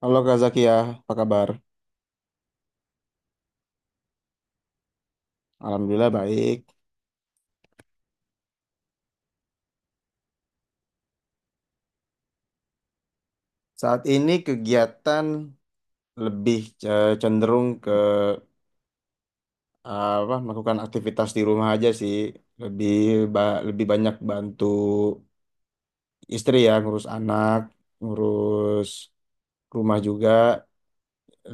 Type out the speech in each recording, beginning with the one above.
Halo Kak Zakia, apa kabar? Alhamdulillah baik. Saat ini kegiatan lebih cenderung ke apa melakukan aktivitas di rumah aja sih. Lebih lebih banyak bantu istri ya, ngurus anak, ngurus rumah juga,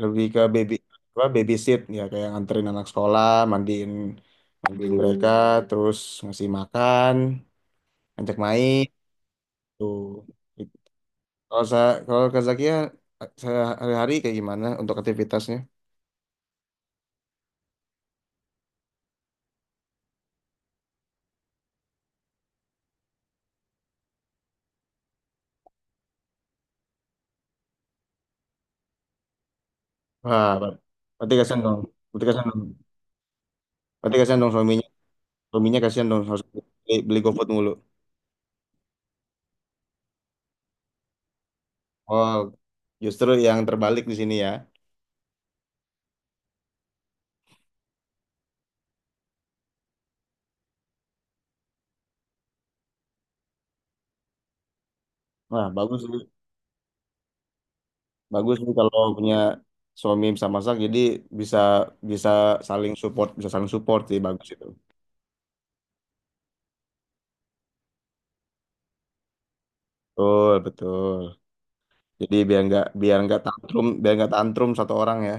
lebih ke baby apa babysit ya kayak nganterin anak sekolah, mandiin mandiin mereka, terus ngasih makan, ajak main tuh. Kalau saya, kalau Kak Zakia, saya hari-hari kayak gimana untuk aktivitasnya? Wah, berarti kasihan dong. Berarti kasihan dong. Berarti kasihan dong suaminya. Suaminya kasihan dong harus beli, beli GoFood mulu. Oh, justru yang terbalik di sini ya. Wah, bagus sih. Bagus sih kalau punya suami bisa masak jadi bisa bisa bisa saling support sih bagus itu. Betul, betul. Jadi biar nggak tantrum satu orang ya.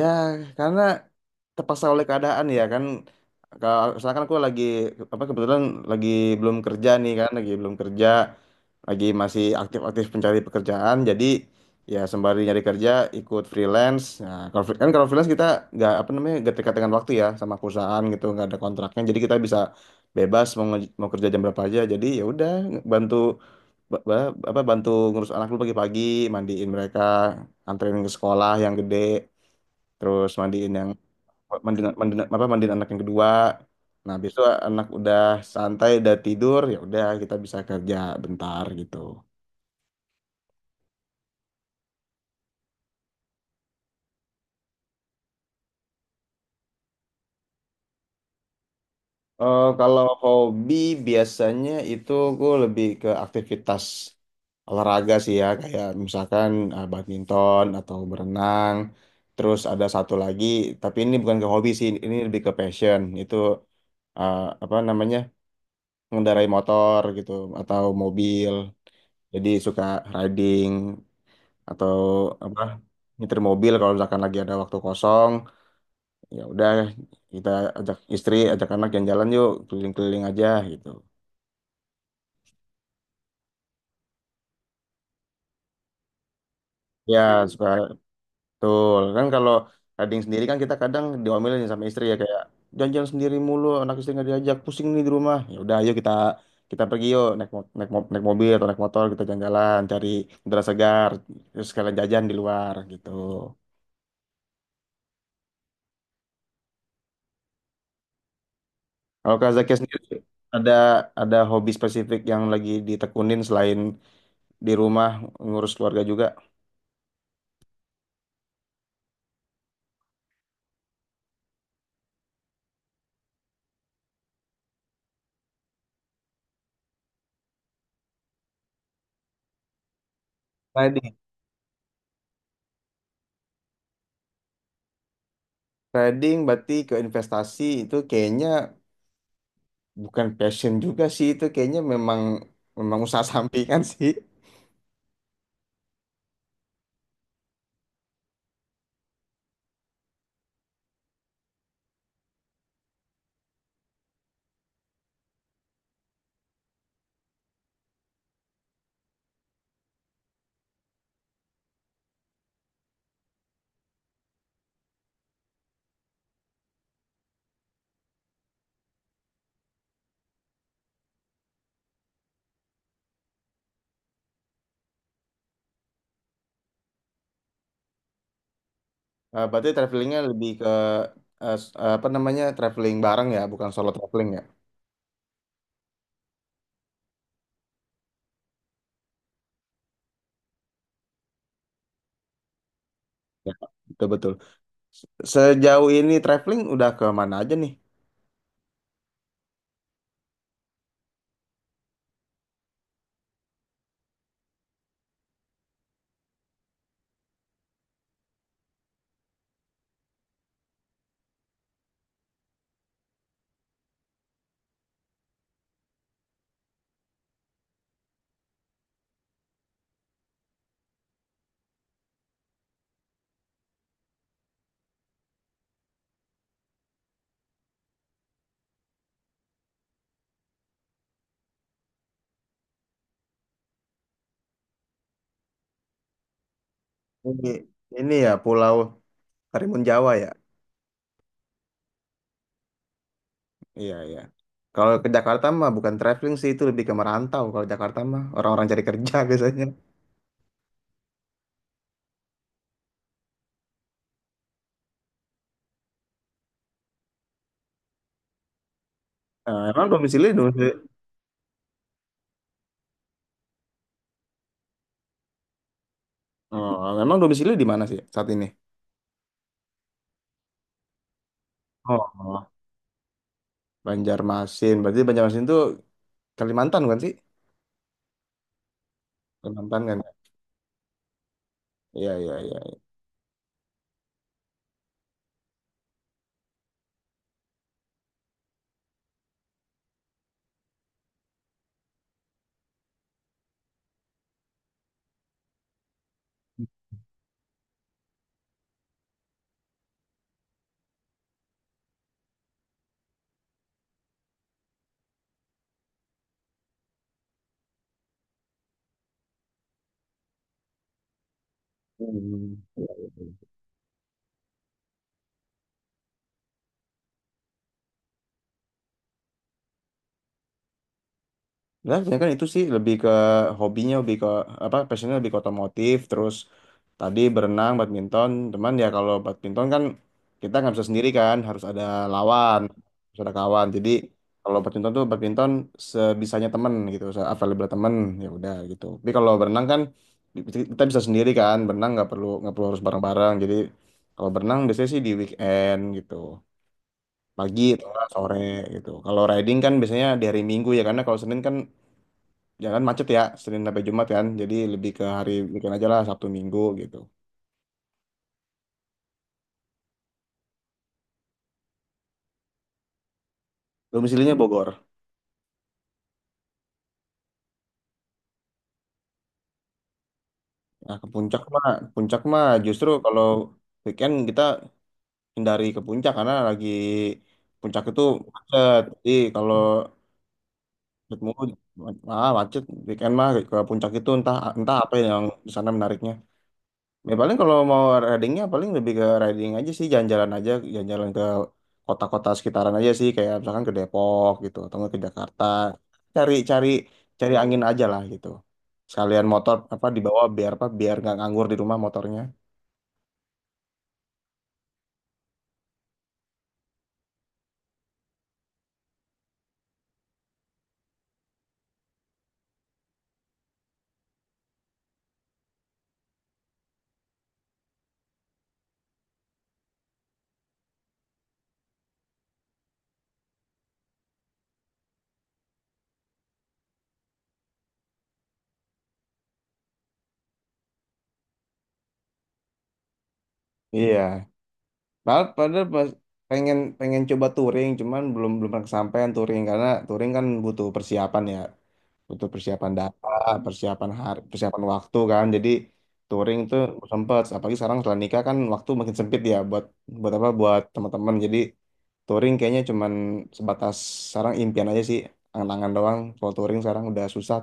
Ya, karena terpaksa oleh keadaan ya kan. Kalau misalkan aku lagi apa kebetulan lagi belum kerja nih kan, lagi belum kerja, lagi masih aktif-aktif pencari pekerjaan. Jadi ya sembari nyari kerja ikut freelance. Nah, kalau kan kalau freelance kita nggak apa namanya nggak terikat dengan waktu ya sama perusahaan gitu, nggak ada kontraknya. Jadi kita bisa bebas mau mau kerja jam berapa aja. Jadi ya udah bantu apa bantu ngurus anak lu pagi-pagi, mandiin mereka, anterin ke sekolah yang gede terus mandiin yang mandiin, mandiin apa mandiin anak yang kedua nah besok anak udah santai udah tidur ya udah kita bisa kerja bentar gitu. Kalau hobi biasanya itu gue lebih ke aktivitas olahraga sih ya kayak misalkan badminton atau berenang terus ada satu lagi tapi ini bukan ke hobi sih ini lebih ke passion itu eh, apa namanya mengendarai motor gitu atau mobil jadi suka riding atau apa nyetir mobil kalau misalkan lagi ada waktu kosong ya udah kita ajak istri ajak anak jalan-jalan yuk keliling-keliling aja gitu ya suka betul kan kalau kadang sendiri kan kita kadang diomelin sama istri ya kayak jalan-jalan sendiri mulu anak istri nggak diajak pusing nih di rumah ya udah ayo kita kita pergi yuk naik naik, naik mobil atau naik motor kita jalan-jalan cari udara segar terus sekalian jajan di luar gitu. Kalau Kak Zakia sendiri ada ada hobi spesifik yang lagi ditekunin selain di rumah ngurus keluarga juga? Trading. Trading berarti ke investasi itu kayaknya bukan passion juga sih itu kayaknya memang memang usaha sampingan sih. Berarti travelingnya lebih ke apa namanya traveling bareng ya, bukan solo traveling ya? Ya, betul-betul. Sejauh ini traveling udah ke mana aja nih? Ini ini ya Pulau Karimun Jawa ya. Iya, iya. Kalau ke Jakarta mah bukan traveling sih, itu lebih ke merantau. Kalau Jakarta mah orang-orang cari kerja biasanya. Emang domisili, domisili. Oh, emang domisili di mana sih saat ini? Oh, Banjarmasin. Berarti Banjarmasin itu Kalimantan kan sih? Kalimantan kan? Ya? Iya, iya, iya. Hmm. Iya, iya. Nah, sebenarnya kan itu sih lebih ke hobinya, lebih ke apa passionnya lebih ke otomotif, terus tadi berenang, badminton. Cuman ya kalau badminton kan kita nggak bisa sendiri kan, harus ada lawan, harus ada kawan. Jadi kalau badminton tuh badminton sebisanya temen gitu, available temen ya udah gitu. Tapi kalau berenang kan bi- kita bisa sendiri kan, berenang nggak perlu harus bareng-bareng. Jadi kalau berenang biasanya sih di weekend gitu, pagi atau nggak sore gitu. Kalau riding kan biasanya di hari Minggu ya, karena kalau Senin kan Jangan macet ya, Senin sampai Jumat kan. Jadi lebih ke hari weekend aja lah, Sabtu Minggu gitu. Domisilinya Bogor. Nah, ke puncak mah justru kalau weekend kita hindari ke puncak karena lagi puncak itu macet. Jadi kalau macet mulu, ah, macet weekend mah ke puncak itu entah entah apa yang di sana menariknya. Ya paling kalau mau ridingnya paling lebih ke riding aja sih jalan-jalan aja jalan-jalan ke kota-kota sekitaran aja sih kayak misalkan ke Depok gitu atau nggak ke Jakarta cari-cari cari angin aja lah gitu sekalian motor apa dibawa biar apa biar nggak nganggur di rumah motornya iya padahal padahal pengen pengen coba touring cuman belum belum pernah kesampaian touring karena touring kan butuh persiapan ya butuh persiapan data, persiapan hari, persiapan waktu kan. Jadi touring tuh sempet. Apalagi sekarang setelah nikah kan waktu makin sempit ya buat buat apa buat teman-teman. Jadi touring kayaknya cuman sebatas sekarang impian aja sih, angan-angan doang. Kalau touring sekarang udah susah.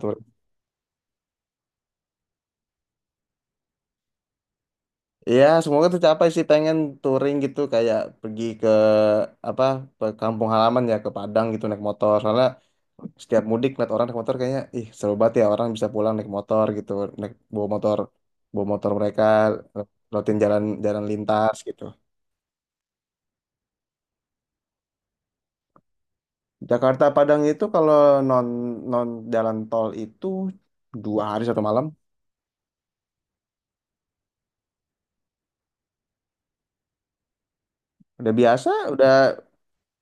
Ya, semoga tercapai sih pengen touring gitu kayak pergi ke apa ke kampung halaman ya ke Padang gitu naik motor. Soalnya setiap mudik lihat orang naik motor kayaknya ih seru banget ya orang bisa pulang naik motor gitu, naik bawa motor mereka lewatin jalan jalan lintas gitu. Jakarta Padang itu kalau non non jalan tol itu dua hari satu malam. Udah biasa, udah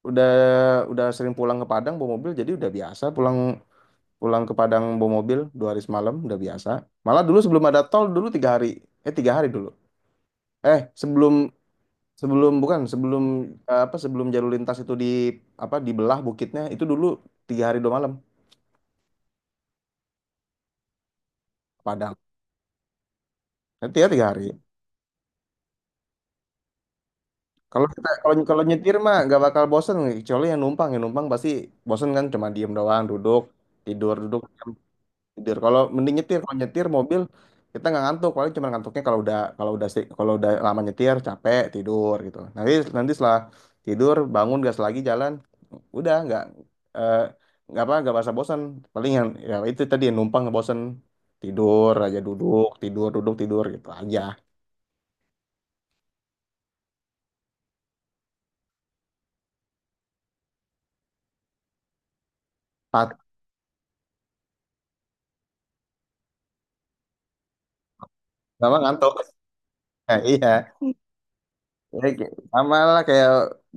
udah udah sering pulang ke Padang bawa mobil jadi udah biasa pulang pulang ke Padang bawa mobil dua hari semalam udah biasa malah dulu sebelum ada tol dulu tiga hari tiga hari dulu sebelum sebelum bukan sebelum apa sebelum jalur lintas itu di apa dibelah bukitnya itu dulu tiga hari dua malam ke Padang nanti ya tiga hari kalau kita kalau kalau nyetir mah nggak bakal bosen kecuali yang numpang pasti bosen kan cuma diem doang duduk tidur duduk tidur. Kalau mending nyetir, kalau nyetir mobil kita nggak ngantuk, paling cuma ngantuknya kalau udah kalau udah kalau udah lama nyetir capek tidur gitu. Nanti nanti setelah tidur bangun gas lagi jalan, udah nggak eh, nggak apa nggak merasa bosan. Paling yang ya itu tadi yang numpang bosan tidur aja duduk tidur gitu aja. Pat, lama ngantuk. Nah, iya. Ya, kayak- sama lah kayak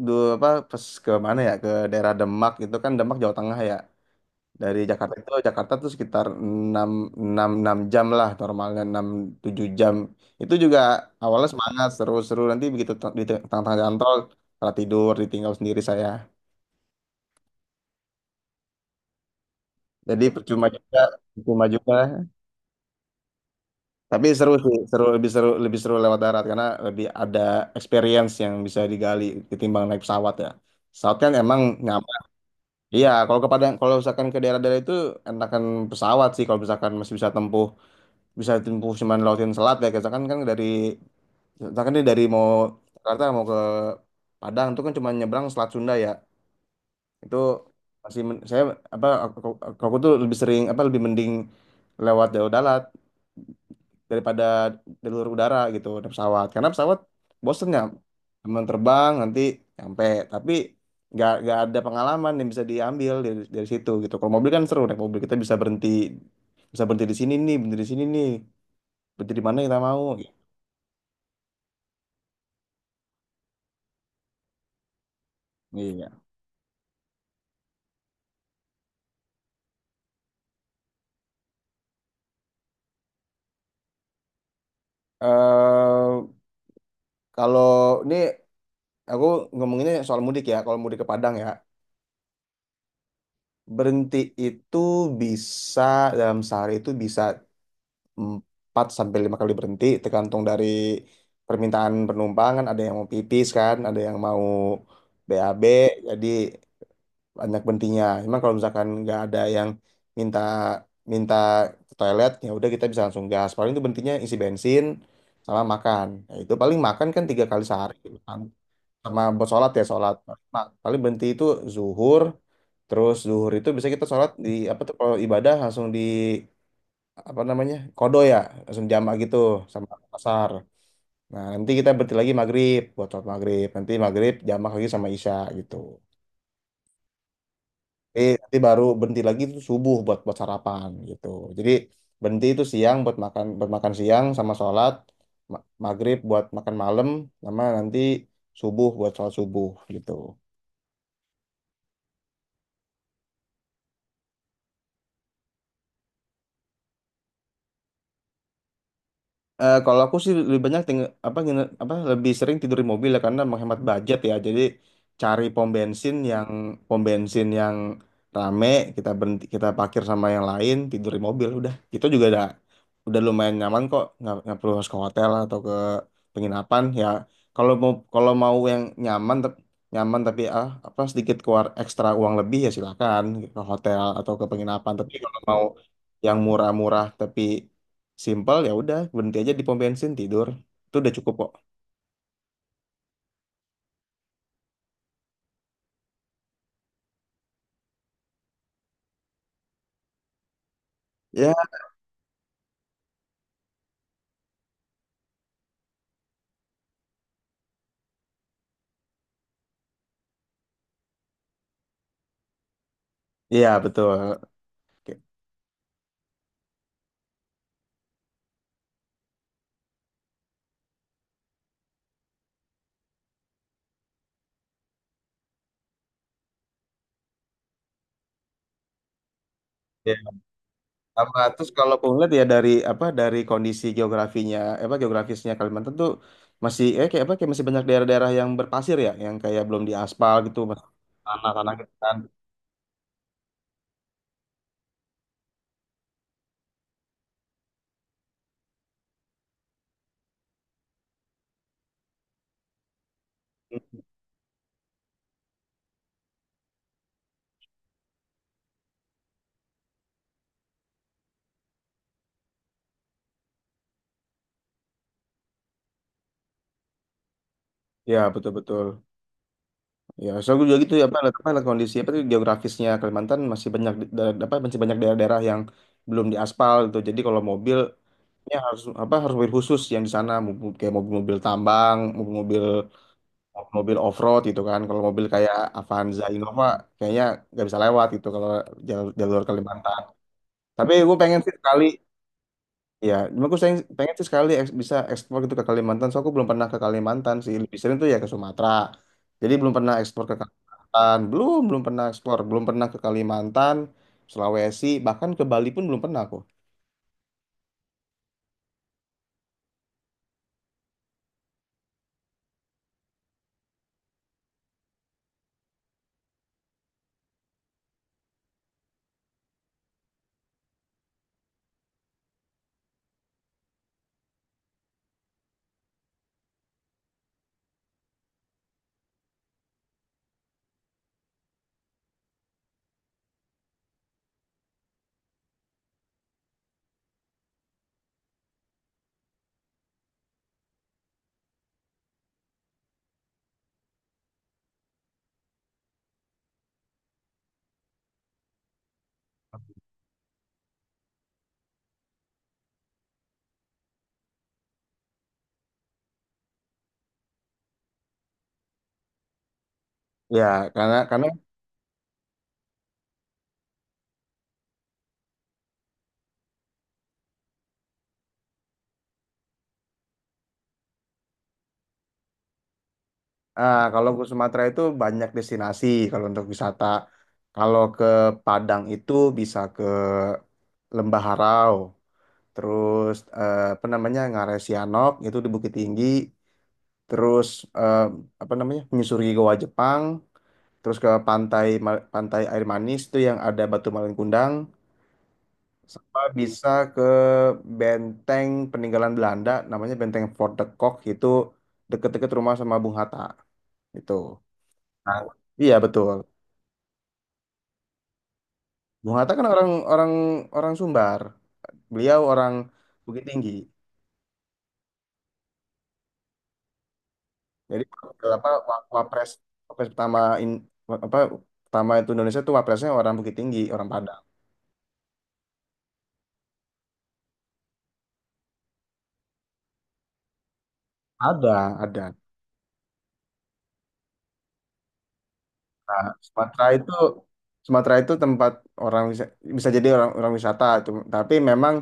dulu apa pas ke mana ya ke daerah Demak gitu kan Demak Jawa Tengah ya. Dari Jakarta itu Jakarta tuh sekitar 6, 6, 6 jam lah normalnya 6, 7 jam. Itu juga awalnya semangat seru-seru nanti begitu tengah-tengah jalan tol malah tidur ditinggal sendiri saya. Jadi percuma juga, percuma juga. Tapi seru sih, seru lebih seru lebih seru lewat darat karena lebih ada experience yang bisa digali ketimbang naik pesawat ya. Pesawat kan emang nyaman. Iya, kalau ke Padang, kalau misalkan ke daerah-daerah itu enakan pesawat sih kalau misalkan masih bisa tempuh cuman lautin selat ya kita kan kan dari kita kan ini dari mau Jakarta mau ke Padang itu kan cuma nyebrang selat Sunda ya itu masih saya apa aku tuh lebih sering apa lebih mending lewat jalur darat daripada jalur udara gitu naik pesawat karena pesawat bosennya teman terbang nanti nyampe tapi nggak ada pengalaman yang bisa diambil dari situ gitu kalau mobil kan seru naik mobil kita bisa berhenti di sini nih berhenti di sini nih berhenti di mana kita mau. Iya. Eh kalau ini aku ngomonginnya soal mudik ya. Kalau mudik ke Padang ya, berhenti itu bisa dalam sehari itu bisa 4 sampai 5 kali berhenti tergantung dari permintaan penumpang kan ada yang mau pipis kan, ada yang mau BAB jadi banyak berhentinya. Cuman kalau misalkan nggak ada yang minta minta ke toilet ya udah kita bisa langsung gas. Paling itu berhentinya isi bensin sama makan. Ya, itu paling makan kan tiga kali sehari. Sama buat sholat ya sholat nah paling berhenti itu zuhur terus zuhur itu bisa kita sholat di apa tuh kalau ibadah langsung di apa namanya kodo ya langsung jamak gitu sama asar nah nanti kita berhenti lagi maghrib buat sholat maghrib nanti maghrib jamak lagi sama isya gitu jadi nanti baru berhenti lagi itu subuh buat buat sarapan gitu jadi berhenti itu siang buat makan siang sama sholat maghrib buat makan malam sama nanti subuh buat sholat subuh gitu. Kalau aku sih lebih banyak apa apa lebih sering tidur di mobil ya karena menghemat budget ya. Jadi cari pom bensin yang rame kita berhenti kita parkir sama yang lain tidur di mobil udah. Itu juga udah lumayan nyaman kok nggak perlu harus ke hotel atau ke penginapan ya. Kalau mau yang nyaman nyaman tapi ah apa sedikit keluar ekstra uang lebih ya silakan ke hotel atau ke penginapan. Tapi kalau mau yang murah-murah tapi simpel ya udah berhenti aja di pom bensin tidur. Itu udah cukup kok. Ya. Iya betul. Oke. Ya. Sama terus kalau aku ngeliat ya dari apa dari kondisi geografinya apa geografisnya Kalimantan tuh masih kayak apa kayak masih banyak daerah-daerah yang berpasir ya yang kayak belum diaspal gitu masih tanah-tanah gitu kan. Ya betul-betul. Ya, soalnya gue juga gitu ya apa, lihat kondisi apa tuh geografisnya Kalimantan masih banyak apa masih banyak daerah-daerah yang belum diaspal gitu. Jadi kalau mobil ya, harus apa harus mobil khusus yang di sana mobil- kayak mobil-mobil tambang, mobil-mobil mobil off-road gitu kan. Kalau mobil kayak Avanza Innova kayaknya nggak bisa lewat gitu kalau jalur, jalur Kalimantan. Tapi gue pengen sih sekali ya, cuma gue pengen sih sekali bisa ekspor gitu ke Kalimantan. So aku belum pernah ke Kalimantan sih. Lebih sering tuh ya ke Sumatera. Jadi belum pernah ekspor ke Kalimantan. Belum, belum pernah ekspor, belum pernah ke Kalimantan, Sulawesi, bahkan ke Bali pun belum pernah aku. Ya, karena ah, kalau ke Sumatera itu banyak destinasi kalau untuk wisata. Kalau ke Padang itu bisa ke Lembah Harau, terus apa namanya Ngarai Sianok itu di Bukit Tinggi, terus eh, apa namanya menyusuri Goa Jepang, terus ke pantai air manis itu yang ada batu malin kundang, sama bisa ke benteng peninggalan Belanda namanya Benteng Fort de Kock itu deket-deket rumah sama Bung Hatta itu. Nah, iya betul. Mengatakan kan orang orang orang Sumbar. Beliau orang Bukit Tinggi. Jadi apa wapres wapres pertama in, wa- apa pertama itu Indonesia itu wapresnya orang Bukit Tinggi, orang Padang. Ada, ada. Nah, Sumatera itu tempat orang bisa jadi orang orang wisata itu, tapi memang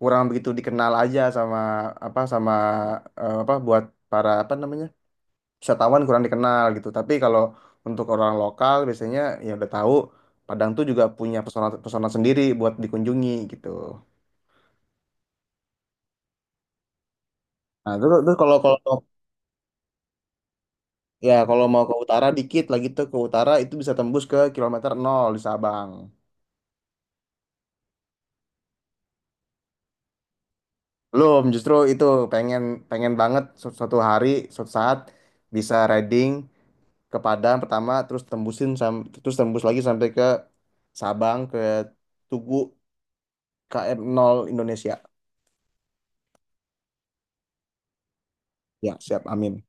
kurang begitu dikenal aja sama apa sama apa buat para apa namanya wisatawan kurang dikenal gitu. Tapi kalau untuk orang lokal biasanya ya udah tahu Padang tuh juga punya pesona pesona sendiri buat dikunjungi gitu. Nah, terus kalau kalau ya kalau mau ke utara dikit lagi tuh ke utara itu bisa tembus ke kilometer nol di Sabang. Belum, justru itu pengen pengen banget suatu hari suatu saat bisa riding ke Padang pertama terus terus tembus lagi sampai ke Sabang ke Tugu KM 0 Indonesia. Ya, siap. Amin.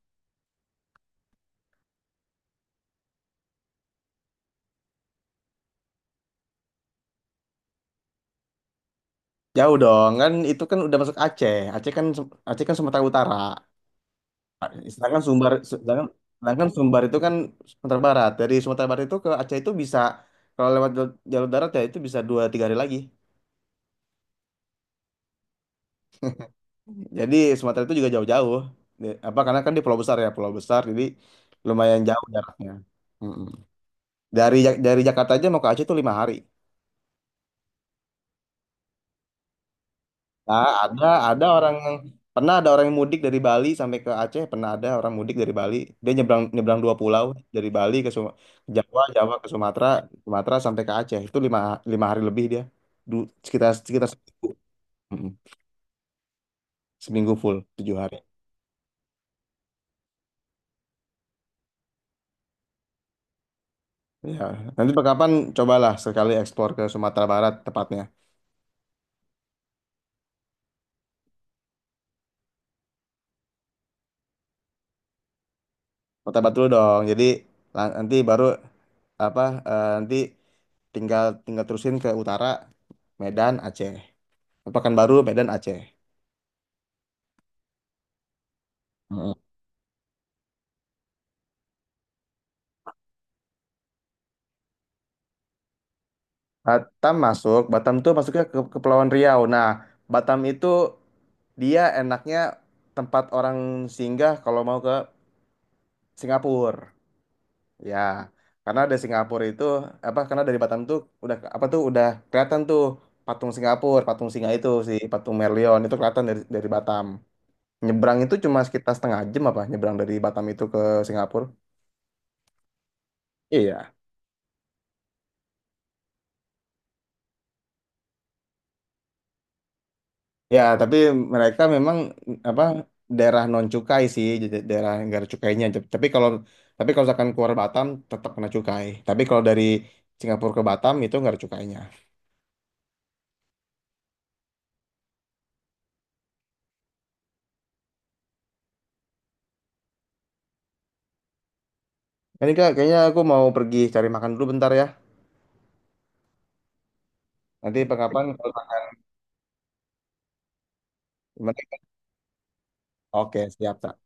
Jauh dong, kan itu kan udah masuk Aceh. Aceh kan Sumatera Utara. Sedangkan Sumbar sedangkan, sedangkan Sumbar itu kan Sumatera Barat. Dari Sumatera Barat itu ke Aceh itu bisa kalau lewat jalur darat ya itu bisa dua tiga hari lagi. Jadi Sumatera itu juga jauh-jauh. Apa karena kan di pulau besar ya, pulau besar jadi lumayan jauh jaraknya. Mm-mm. Dari dari Jakarta aja mau ke Aceh itu lima hari. Nah, ada orang yang ada orang yang mudik dari Bali sampai ke Aceh, pernah ada orang mudik dari Bali. Dia nyebrang nyebrang dua pulau dari ke Jawa, Jawa ke Sumatera, Sumatera sampai ke Aceh. Itu lima hari lebih dia. Sekitar sekitar seminggu. Mm-mm. Seminggu full, tujuh hari. Ya, nanti kapan cobalah sekali eksplor ke Sumatera Barat tepatnya. Sumatera Barat dulu dong. Jadi nanti baru apa nanti tinggal tinggal terusin ke utara Medan Aceh. Pekanbaru Medan Aceh. Heeh. Batam masuk, Batam tuh masuknya ke Kepulauan Riau. Nah, Batam itu dia enaknya tempat orang singgah kalau mau ke Singapura. Ya, karena dari Singapura itu apa? Karena dari Batam tuh udah apa tuh udah kelihatan tuh patung Singapura, patung singa itu si patung Merlion itu kelihatan dari Batam. Nyebrang itu cuma sekitar setengah jam apa? Nyebrang dari Batam itu ke Singapura. Iya. Ya, tapi mereka memang apa daerah non cukai sih, jadi daerah nggak ada cukainya. Tapi kalau misalkan keluar Batam tetap kena cukai. Tapi kalau dari Singapura ke Batam itu nggak ada cukainya. Ini Kak, kayaknya aku mau pergi cari makan dulu bentar ya. Nanti pengkapan kalau gimana? Oke, siap.